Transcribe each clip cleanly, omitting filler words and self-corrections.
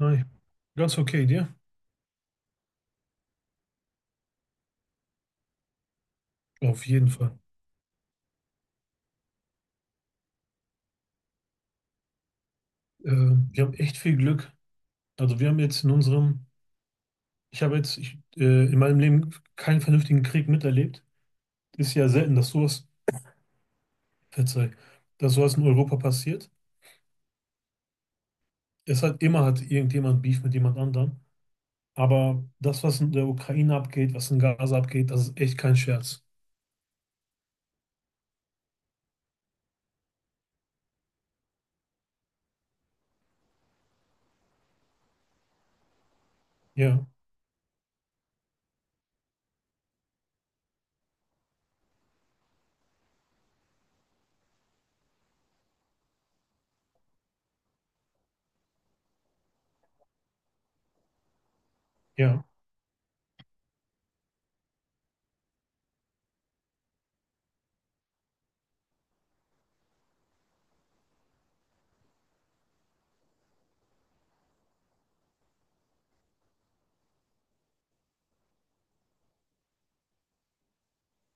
Hi. Ganz okay, dir? Auf jeden Fall. Äh, Wir haben echt viel Glück. Also wir haben jetzt in unserem, ich habe jetzt ich, in meinem Leben keinen vernünftigen Krieg miterlebt. Ist ja selten, dass sowas, verzeih, dass sowas in Europa passiert. Es hat immer hat irgendjemand Beef mit jemand anderem. Aber das, was in der Ukraine abgeht, was in Gaza abgeht, das ist echt kein Scherz. Ja, ja,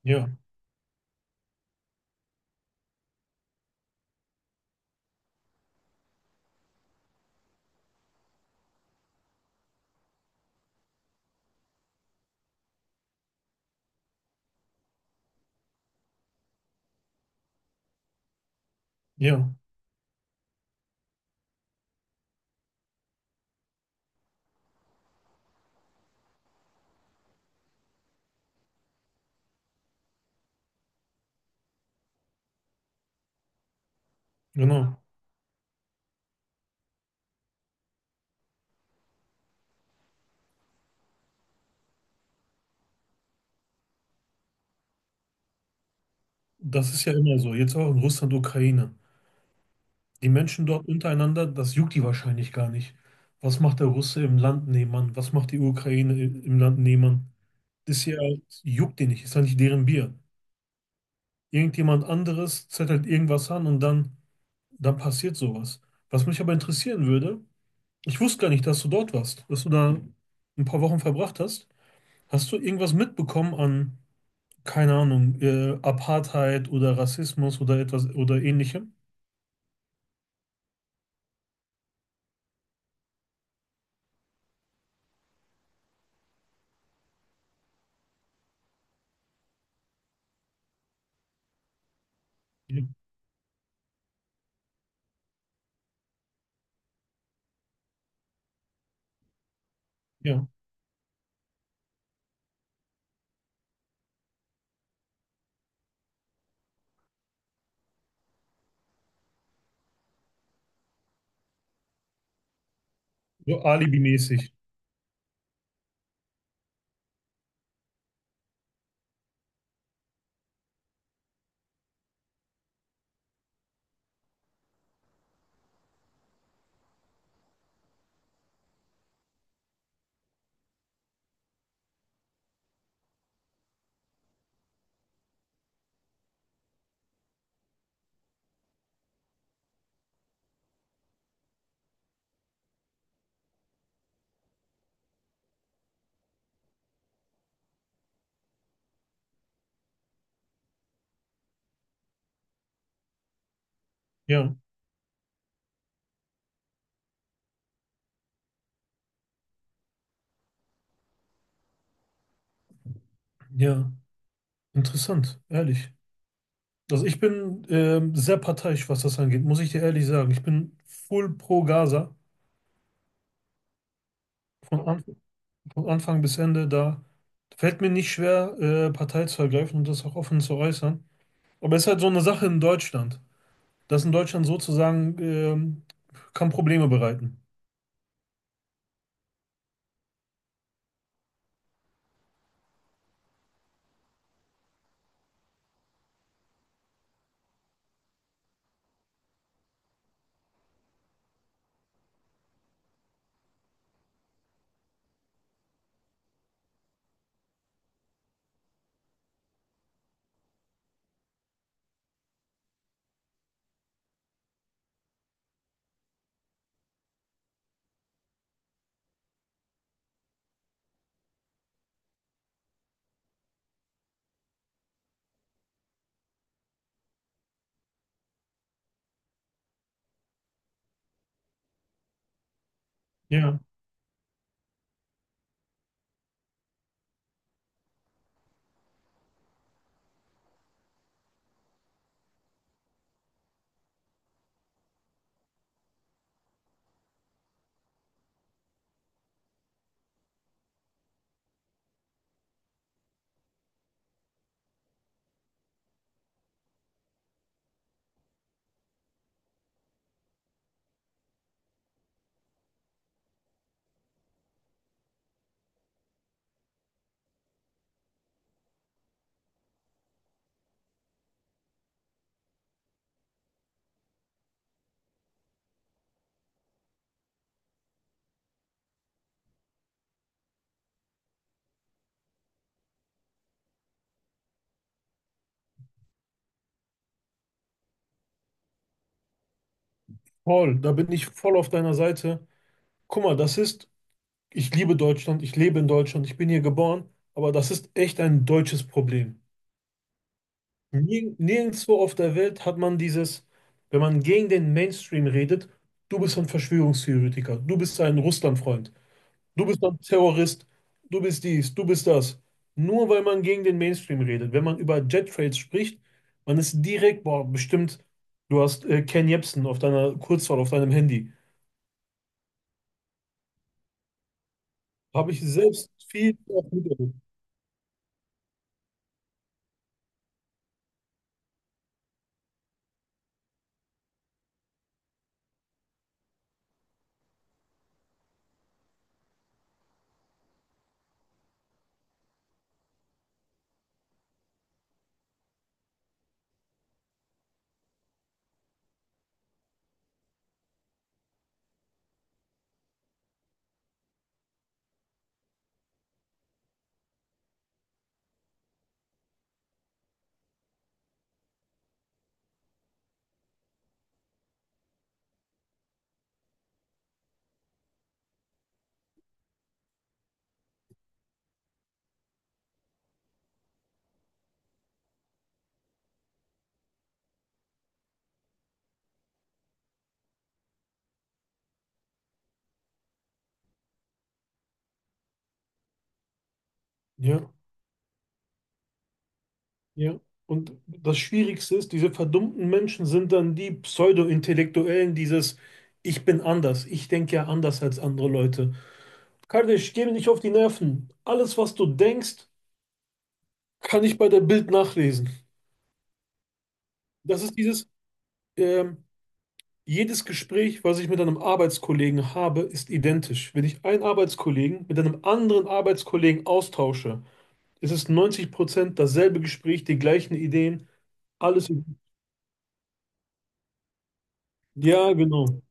ja, ja, genau. Das ist ja immer so. Jetzt auch in Russland, Ukraine. Die Menschen dort untereinander, das juckt die wahrscheinlich gar nicht. Was macht der Russe im Land nebenan? Was macht die Ukraine im Land nebenan? Das hier halt, juckt die nicht, ist halt nicht deren Bier. Irgendjemand anderes zettelt irgendwas an und dann, dann passiert sowas. Was mich aber interessieren würde, ich wusste gar nicht, dass du dort warst, dass du da ein paar Wochen verbracht hast. Hast du irgendwas mitbekommen an, keine Ahnung, Apartheid oder Rassismus oder etwas oder ähnlichem? Ja, ja, so alibimäßig. Ja. Ja, interessant, ehrlich. Also ich bin sehr parteiisch, was das angeht, muss ich dir ehrlich sagen. Ich bin full pro Gaza, von, Anf von Anfang bis Ende. Da fällt mir nicht schwer, Partei zu ergreifen und das auch offen zu äußern. Aber es ist halt so eine Sache in Deutschland, dass in Deutschland sozusagen kann Probleme bereiten. Ja, voll, da bin ich voll auf deiner Seite. Guck mal, das ist, ich liebe Deutschland, ich lebe in Deutschland, ich bin hier geboren, aber das ist echt ein deutsches Problem. Nirgendwo auf der Welt hat man dieses, wenn man gegen den Mainstream redet, du bist ein Verschwörungstheoretiker, du bist ein Russlandfreund, du bist ein Terrorist, du bist dies, du bist das. Nur weil man gegen den Mainstream redet. Wenn man über Jet Trails spricht, man ist direkt, boah, bestimmt, du hast Ken Jebsen auf deiner Kurzwahl, auf deinem Handy. Habe ich selbst viel oft miterlebt. Ja. Ja. Und das Schwierigste ist, diese verdummten Menschen sind dann die Pseudo-Intellektuellen, dieses Ich bin anders, ich denke ja anders als andere Leute. Kardeş, geh mir nicht auf die Nerven. Alles, was du denkst, kann ich bei der Bild nachlesen. Das ist dieses, ähm, jedes Gespräch, was ich mit einem Arbeitskollegen habe, ist identisch. Wenn ich einen Arbeitskollegen mit einem anderen Arbeitskollegen austausche, ist es 90% dasselbe Gespräch, die gleichen Ideen, alles. Ja, genau.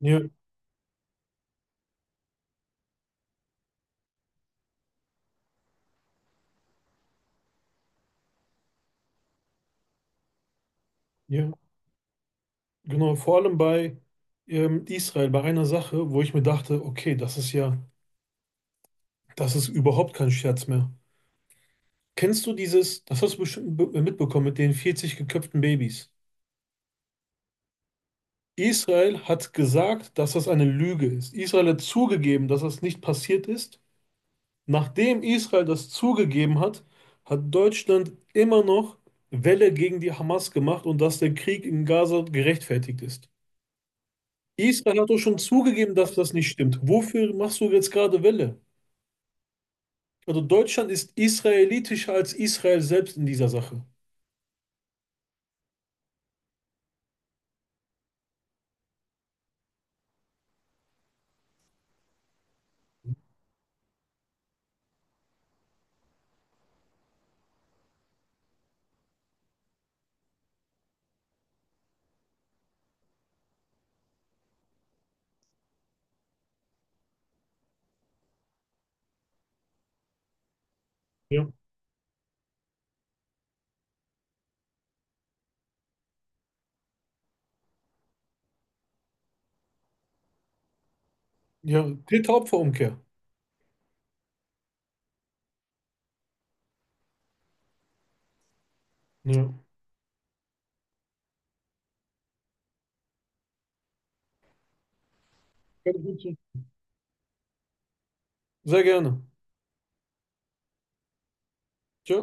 Ja, ja. Genau, vor allem bei Israel, bei einer Sache, wo ich mir dachte, okay, das ist ja, das ist überhaupt kein Scherz mehr. Kennst du dieses, das hast du bestimmt mitbekommen mit den 40 geköpften Babys. Israel hat gesagt, dass das eine Lüge ist. Israel hat zugegeben, dass das nicht passiert ist. Nachdem Israel das zugegeben hat, hat Deutschland immer noch Welle gegen die Hamas gemacht und dass der Krieg in Gaza gerechtfertigt ist. Israel hat doch schon zugegeben, dass das nicht stimmt. Wofür machst du jetzt gerade Welle? Also Deutschland ist israelitischer als Israel selbst in dieser Sache. Ja, Ja, Täter-Opfer-Umkehr. Ja. Sehr gerne. Tja.